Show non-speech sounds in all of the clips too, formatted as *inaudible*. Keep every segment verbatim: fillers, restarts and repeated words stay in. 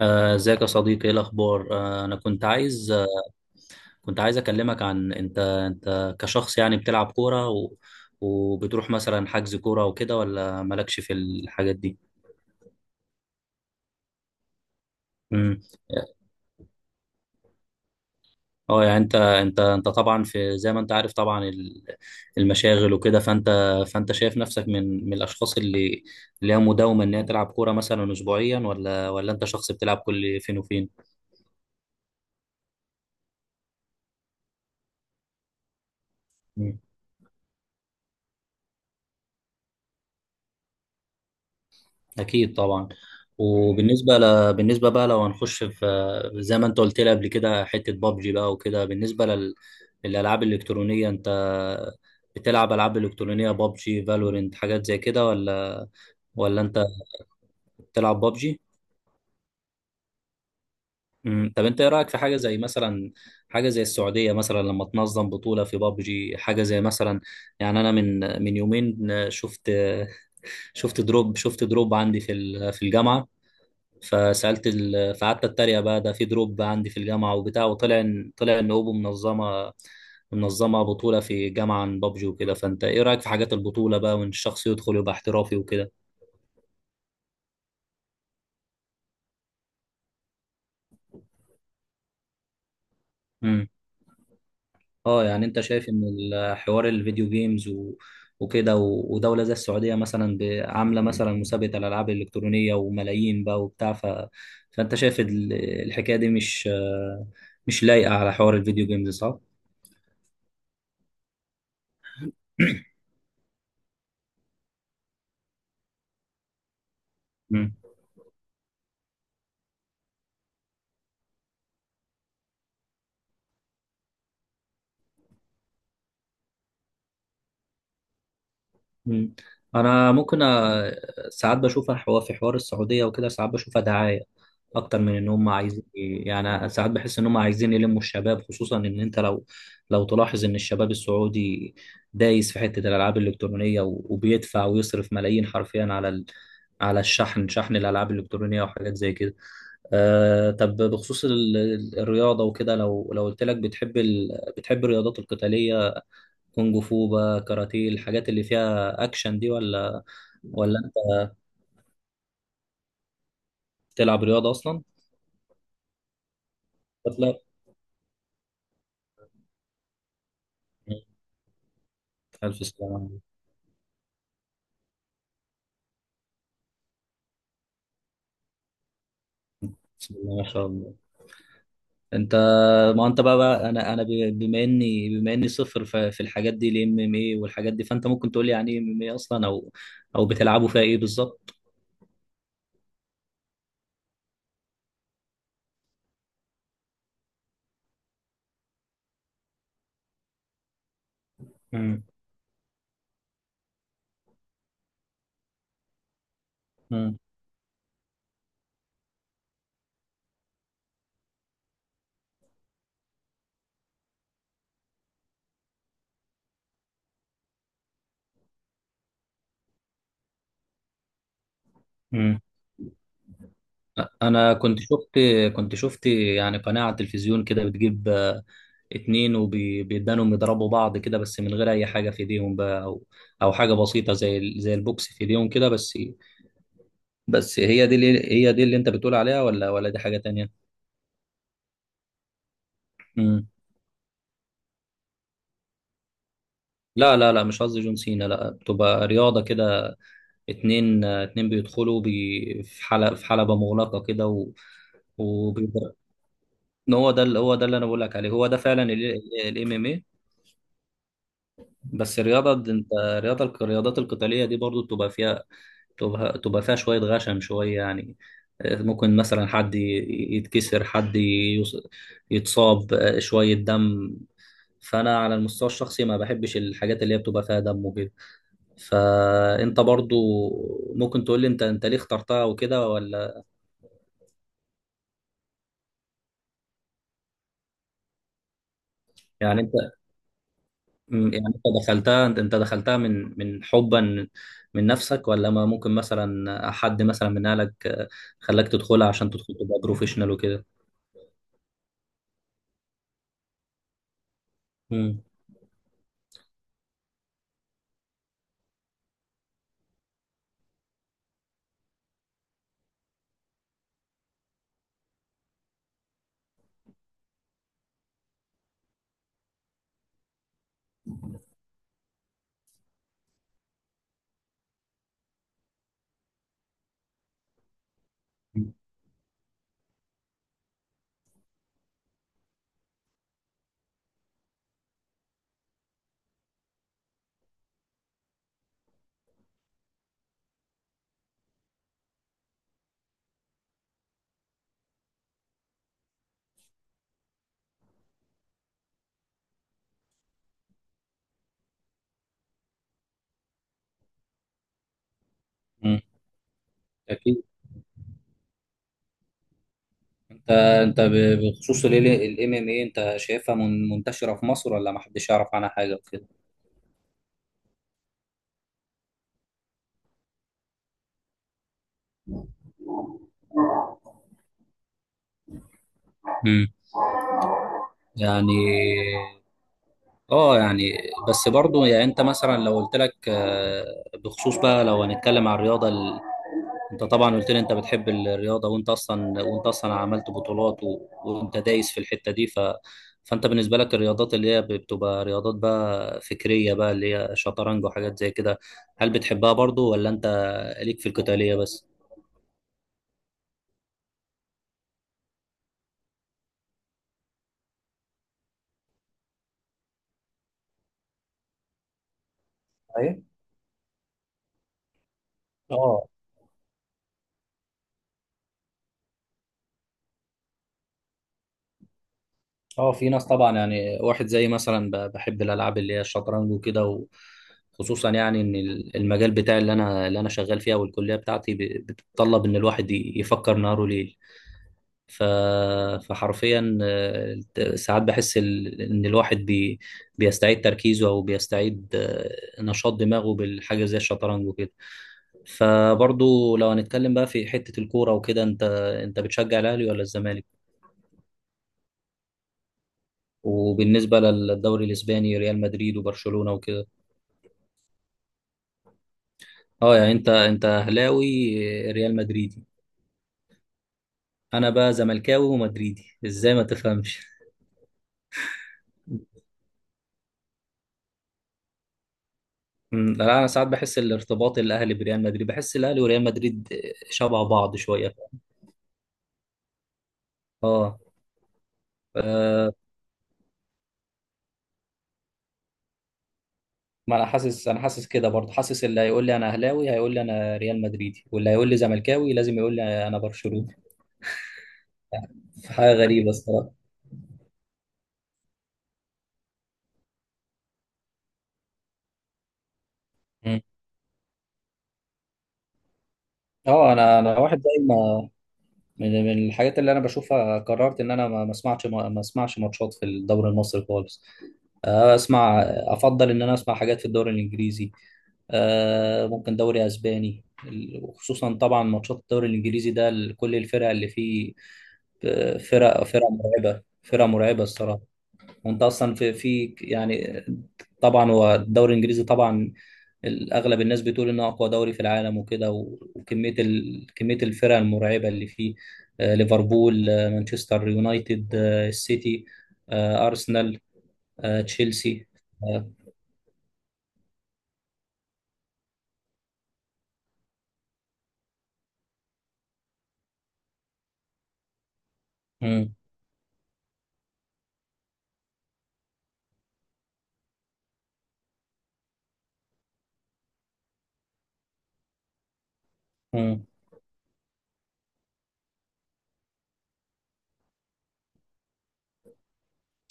آه، ازيك يا صديقي، ايه الاخبار؟ آه، انا كنت عايز، آه، كنت عايز اكلمك. عن انت انت كشخص يعني بتلعب كوره، و... وبتروح مثلا حجز كوره وكده، ولا مالكش في الحاجات دي؟ امم اه يعني انت انت انت طبعا، في زي ما انت عارف طبعا ال- المشاغل وكده، فانت فانت شايف نفسك من من الاشخاص اللي اللي هي مداومه ان هي تلعب كوره مثلا اسبوعيا، ولا ولا انت شخص بتلعب كل فين وفين؟ اكيد طبعا. وبالنسبه ل... بالنسبه بقى، لو هنخش في، زي ما انت قلت لي قبل كده، حته بابجي بقى وكده، بالنسبه لل... للالعاب الالكترونيه، انت بتلعب العاب الكترونيه بابجي فالورنت حاجات زي كده، ولا ولا انت بتلعب بابجي؟ امم. طب انت ايه رايك في حاجه زي مثلا، حاجه زي السعوديه مثلا لما تنظم بطوله في بابجي حاجه زي مثلا، يعني انا من من يومين شفت شفت دروب شفت دروب عندي في ال- في الجامعه، فسالت ال... فقعدت اتريق بقى، ده في دروب عندي في الجامعه وبتاع، وطلع ان طلع ان اوبو منظمه منظمه بطوله في جامعه عن بابجي وكده. فانت ايه رايك في حاجات البطوله بقى، وان الشخص يدخل يبقى احترافي وكده؟ امم. اه يعني انت شايف ان ال- حوار الفيديو جيمز و... وكده و... ودوله زي السعوديه مثلا ب... عامله مثلا مسابقه الالعاب الالكترونيه وملايين بقى وبتاع، ف... فانت شايف ال- الحكايه دي مش مش لايقه على حوار الفيديو جيمز، صح؟ *clears throat* مم. انا ممكن أ- ساعات بشوفها حوار، في حوار السعوديه وكده ساعات بشوفها دعايه اكتر من ان هم عايزين، يعني ساعات بحس ان هم عايزين يلموا الشباب، خصوصا ان انت لو، لو تلاحظ ان الشباب السعودي دايس في حته الالعاب الالكترونيه، و- وبيدفع ويصرف ملايين حرفيا على ال... على الشحن، شحن الالعاب الالكترونيه وحاجات زي كده. أه، طب بخصوص ال- ال- الرياضه وكده، لو لو قلت لك، بتحب ال... بتحب الرياضات القتاليه، كونج فو بقى، كاراتيه، الحاجات اللي فيها اكشن دي، ولا ولا انت بتلعب رياضه اصلا؟ لا، الف سلامه عليك. بسم الله ما شاء الله. انت، ما انت بقى, بقى انا انا ب- بما اني بما اني صفر في, في الحاجات دي، الام ام اي والحاجات دي، فانت ممكن تقول لي يعني ايه ام ام اي اصلا، او او بتلعبوا فيها ايه بالظبط؟ امم. امم. انا كنت شفت، كنت شفت يعني قناه على التلفزيون كده، بتجيب آه، اتنين وبيدانهم يضربوا بعض كده، بس من غير اي حاجه في ايديهم بقى، او او حاجه بسيطه زي ال- زي البوكس في ايديهم كده بس. بس هي دي، اللي هي دي اللي انت بتقول عليها، ولا ولا دي حاجه تانية؟ امم. لا لا لا، مش قصدي جون سينا، لا بتبقى رياضه كده، اتنين، آه، اتنين بيدخلوا بي في حلبه، في حلبه مغلقه كده، و وبيضرب. هو ده اللي- هو ده اللي انا بقول لك عليه، هو ده فعلا الام ام اي. بس الرياضة د- انت الرياضة الك- الرياضات القتالية دي برضو بتبقى فيها، تبقى, تبقى فيها شوية غشم شوية يعني، آه، ممكن مثلا حد ي- يتكسر، حد يص- يتصاب، آه، شوية دم. فأنا على المستوى الشخصي ما بحبش الحاجات اللي هي بتبقى فيها دم وكده. فأنت برضو ممكن تقول لي، أنت أنت ليه اخترتها وكده ولا، يعني أنت؟ مم، يعني انت دخلتها، انت دخلتها من من حبا من نفسك، ولا ما ممكن مثلا حد مثلا من اهلك، آه، خلاك تدخلها عشان تدخل تبقى بروفيشنال وكده؟ مم. مم. اكيد. انت انت ب- بخصوص الام ام اي، انت شايفها من- منتشره في مصر، ولا ما حدش يعرف عنها حاجه وكده؟ مم. يعني اه يعني، بس برضو يعني انت مثلا لو قلت لك آه، بخصوص بقى، لو هنتكلم عن الرياضه، انت طبعا قلت لي انت بتحب الرياضه، وانت اصلا وانت اصلا عملت بطولات، و... وانت دايس في الحته دي، ف... فانت بالنسبه لك الرياضات اللي هي بتبقى رياضات بقى فكريه بقى، اللي هي شطرنج وحاجات زي كده، هل بتحبها برضو، ولا انت ليك في القتاليه بس؟ ايوه. اه اه، في ناس طبعا يعني واحد زي مثلا ب- بحب الالعاب اللي هي الشطرنج وكده، وخصوصا يعني ان ال- المجال بتاعي اللي انا اللي انا شغال فيها، والكليه بتاعتي ب- بتتطلب ان الواحد ي- يفكر نهاره ليل، ف... فحرفيا آه، ساعات بحس ال- ان الواحد بي... بيستعيد تركيزه، او بيستعيد آه، نشاط دماغه بالحاجه زي الشطرنج وكده. فبرضو لو هنتكلم بقى في حته الكوره وكده، انت انت بتشجع الاهلي ولا الزمالك؟ وبالنسبه للدوري الاسباني، ريال مدريد وبرشلونه وكده؟ اه يعني انت انت اهلاوي، آه، ريال مدريدي. انا بقى زملكاوي ومدريدي، ازاي ما تفهمش. مم، لا انا ساعات بحس الارتباط الاهلي بريال مدريد، بحس الاهلي وريال مدريد شبه بعض شويه. اه. آه، ما انا حاسس، انا حاسس كده برضه، حاسس اللي هيقول لي انا اهلاوي هيقول لي انا ريال مدريدي، واللي هيقول لي زملكاوي لازم يقول لي انا برشلوني. *laughs* حاجه غريبه الصراحه. مم. اه، انا انا واحد زي ما، من من الحاجات اللي انا بشوفها، قررت ان انا ما ما اسمعش ما اسمعش ماتشات في الدوري المصري خالص، آه، اسمع افضل ان انا اسمع حاجات في الدوري الانجليزي، آه، ممكن دوري اسباني ال- وخصوصا طبعا ماتشات الدوري الانجليزي ده، ال- كل الفرق اللي فيه، آه، فرق فرق مرعبه فرق مرعبه الصراحه. وانت اصلا في في يعني، طبعا هو الدوري الانجليزي طبعا اغلب الناس بتقول انه اقوى دوري في العالم وكده، و- وكميه ال... كميه الفرق المرعبه اللي فيه، آه، ليفربول، آه، مانشستر يونايتد، آه، السيتي، آه، ارسنال، آه، تشيلسي. اه. مم، مم.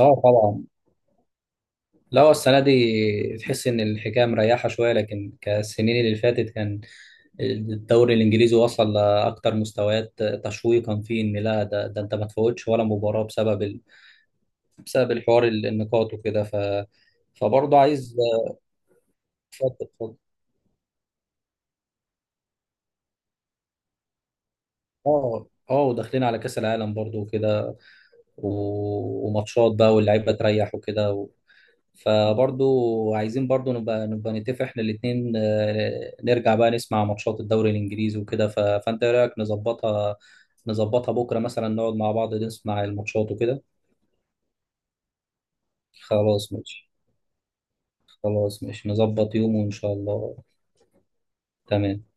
آه، طبعا. لا هو السنة دي تحس إن الحكاية مريحة شوية، لكن كالسنين اللي فاتت كان الدوري الإنجليزي وصل لأكتر مستويات تشويقا فيه، إن لا ده, ده أنت ما تفوتش ولا مباراة بسبب ال... بسبب الحوار ال- النقاط وكده، ف... فبرضه عايز. اتفضل اتفضل. اه اه، وداخلين على كأس العالم برضه وكده، و... وماتشات بقى، واللعيبة تريح وكده. فبرضو عايزين برضو نبقى نبقى نتفق احنا الاتنين، آه، نرجع بقى نسمع ماتشات الدوري الانجليزي وكده. ف- فانت ايه رايك نظبطها، نظبطها بكره مثلا نقعد مع بعض نسمع الماتشات وكده؟ خلاص ماشي. خلاص ماشي، نظبط يوم وان شاء الله. تمام.